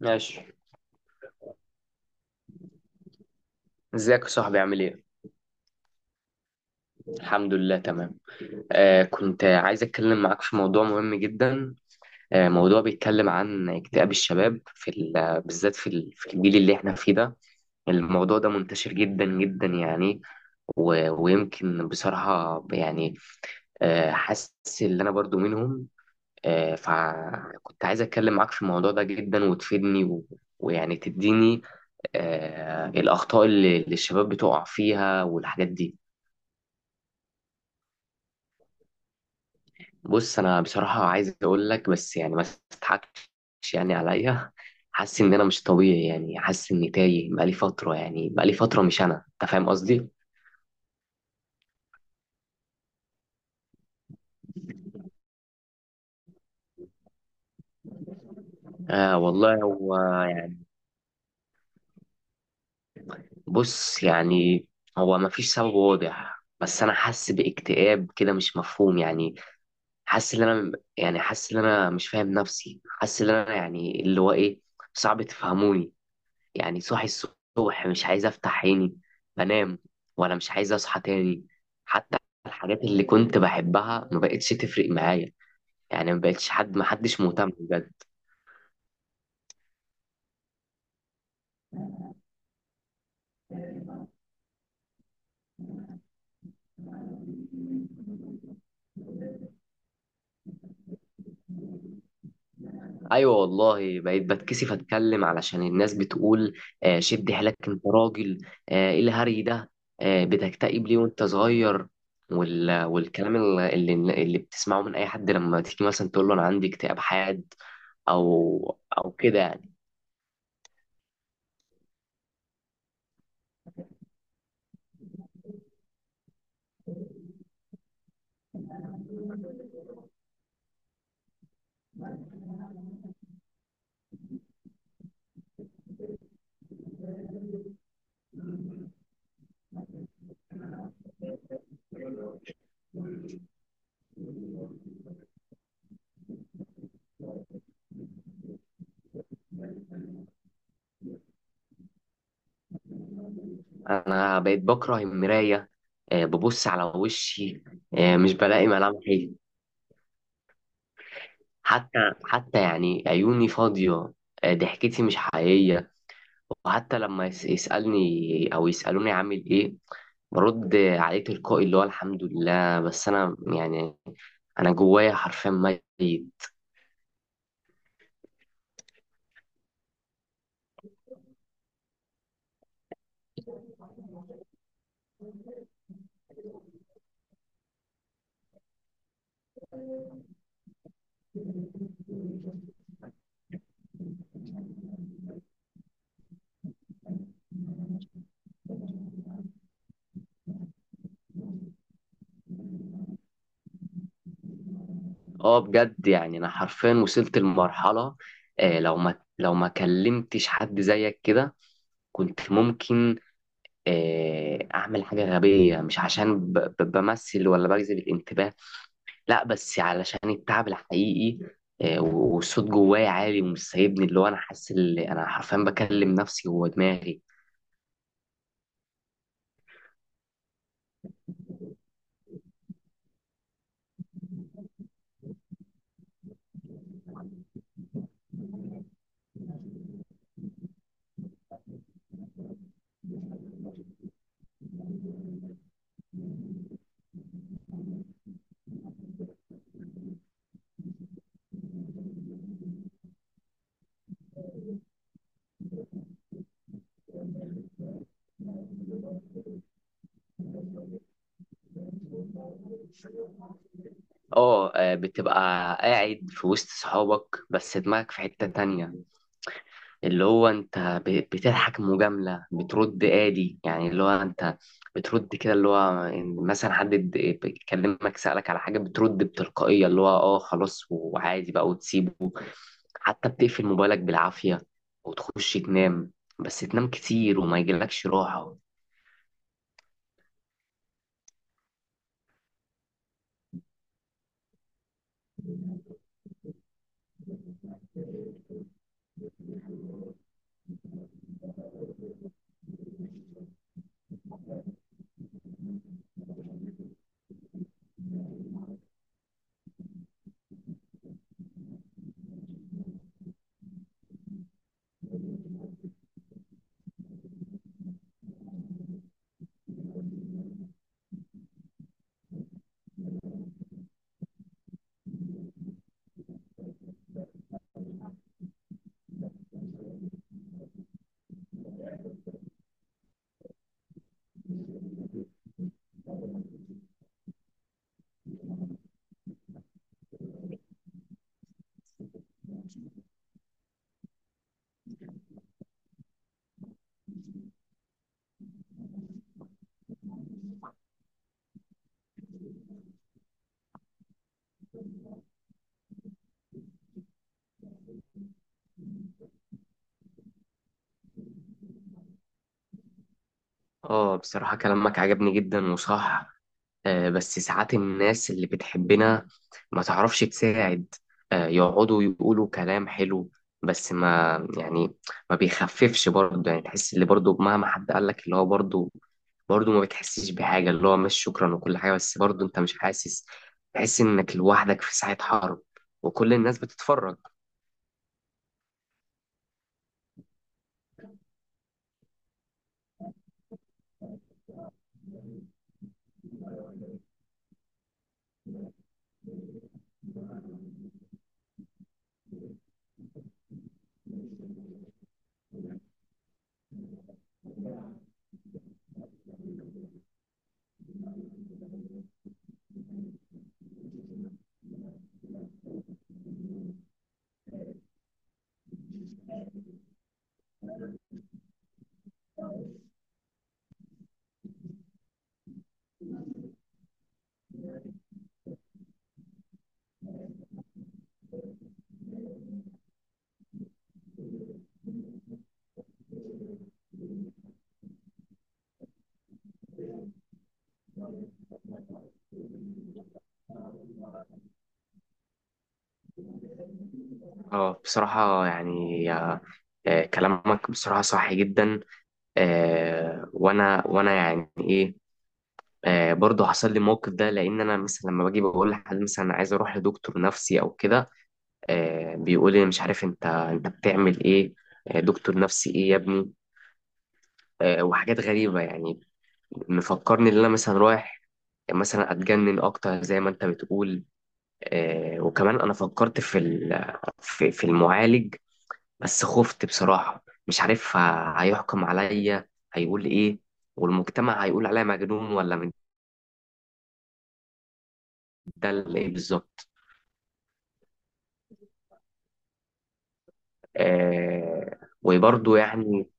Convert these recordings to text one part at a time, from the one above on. ماشي. ازيك يا صاحبي؟ عامل ايه؟ الحمد لله تمام. كنت عايز اتكلم معاك في موضوع مهم جدا. موضوع بيتكلم عن اكتئاب الشباب بالذات في الجيل اللي احنا فيه ده. الموضوع ده منتشر جدا جدا يعني. ويمكن بصراحة يعني، حاسس ان انا برضو منهم. فكنت عايز اتكلم معاك في الموضوع ده جدا وتفيدني ويعني تديني الاخطاء اللي الشباب بتقع فيها والحاجات دي. بص، انا بصراحه عايز اقول لك، بس يعني ما تضحكش يعني عليا. حاسس ان انا مش طبيعي، يعني حاسس اني تايه بقالي فتره، يعني بقالي فتره مش انا، انت فاهم قصدي. آه والله، هو يعني، بص يعني، هو ما فيش سبب واضح، بس انا حاسس باكتئاب كده مش مفهوم يعني. حاسس ان انا، يعني حاسس ان انا مش فاهم نفسي، حاسس ان انا يعني اللي هو ايه، صعب تفهموني. يعني صاحي الصبح مش عايز افتح عيني، بنام ولا مش عايز اصحى تاني. حتى الحاجات اللي كنت بحبها ما بقتش تفرق معايا. يعني ما بقتش حد، ما حدش مهتم بجد. ايوه والله، بقيت بتكسف اتكلم علشان الناس بتقول، شد حيلك انت راجل، ايه الهري ده، بتكتئب ليه وانت صغير. والكلام اللي بتسمعه من اي حد، لما تيجي مثلا تقول له انا عندي اكتئاب حاد، او كده يعني. انا بقيت بكره المرايه، ببص على وشي مش بلاقي ملامحي. حتى حتى يعني عيوني فاضيه، ضحكتي مش حقيقيه. وحتى لما يسالني او يسالوني عامل ايه، برد عليه تلقائي اللي هو الحمد لله، بس انا يعني انا جوايا حرفيا ميت. اه بجد يعني، انا حرفيا وصلت لمرحله، لو ما كلمتش حد زيك كده، كنت ممكن اعمل حاجه غبيه. مش عشان بمثل ولا بجذب الانتباه، لا، بس علشان التعب الحقيقي، والصوت جوايا عالي ومش سايبني، اللي هو انا حاسس اللي انا حرفيا بكلم نفسي جوه دماغي. بتبقى قاعد في وسط صحابك بس دماغك في حته تانية. اللي هو انت بتضحك مجاملة، بترد آدي يعني، اللي هو انت بترد كده اللي هو، إن مثلا حد بيكلمك سألك على حاجة، بترد بتلقائية اللي هو اه خلاص وعادي بقى وتسيبه. حتى بتقفل موبايلك بالعافية وتخش تنام، بس تنام كتير وما يجيلكش راحة. اه بصراحة كلامك عجبني جدا وصح. بس ساعات الناس اللي بتحبنا ما تعرفش تساعد. يقعدوا يقولوا كلام حلو بس ما، يعني ما بيخففش برضه. يعني تحس اللي برضه مهما حد قال لك، اللي هو برضه ما بتحسش بحاجة، اللي هو مش شكرا وكل حاجة، بس برضه انت مش حاسس. تحس انك لوحدك في ساعة حرب وكل الناس بتتفرج. اه بصراحة يعني، كلامك بصراحة صح جدا. وانا يعني ايه، برضه حصل لي موقف ده، لان انا مثلا لما باجي بقول لحد مثلا انا عايز اروح لدكتور نفسي او كده، بيقول لي مش عارف، انت بتعمل ايه، دكتور نفسي ايه يا ابني، وحاجات غريبه، يعني مفكرني ان انا مثلا رايح مثلا اتجنن اكتر زي ما انت بتقول. وكمان انا فكرت في المعالج، بس خفت بصراحه، مش عارف هيحكم عليا هيقول ايه، والمجتمع هيقول عليا مجنون ولا مدلل ايه بالظبط. وبرضه يعني.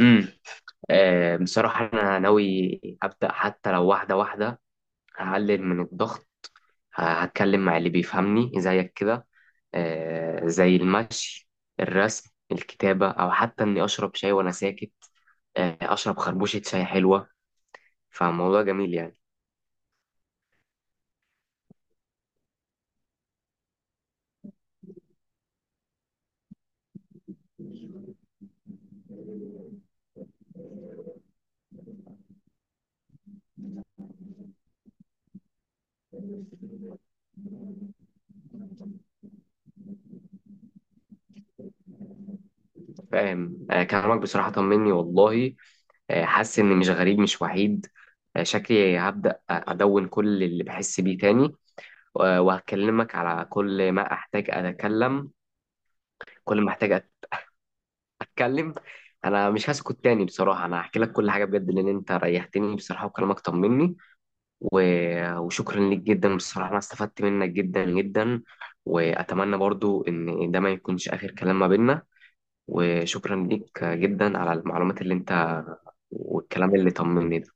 امم بصراحة أنا ناوي أبدأ حتى لو واحدة واحدة. هقلل من الضغط، هتكلم مع اللي بيفهمني زيك كده، زي المشي، الرسم، الكتابة، أو حتى إني أشرب شاي وأنا ساكت. أشرب خربوشة شاي حلوة. فالموضوع جميل يعني. فاهم. كلامك بصراحة طمني والله، حاسس إني مش غريب مش وحيد. شكلي هبدأ أدون كل اللي بحس بيه تاني، وهكلمك على كل ما احتاج اتكلم. كل ما احتاج اتكلم. انا مش هسكت تاني بصراحه، انا هحكي لك كل حاجه بجد، لان انت ريحتني بصراحه وكلامك طمني. و... وشكرا ليك جدا بصراحه، انا استفدت منك جدا جدا. واتمنى برضو ان ده ما يكونش اخر كلام ما بيننا. وشكرا ليك جدا على المعلومات اللي انت والكلام اللي طمني ده.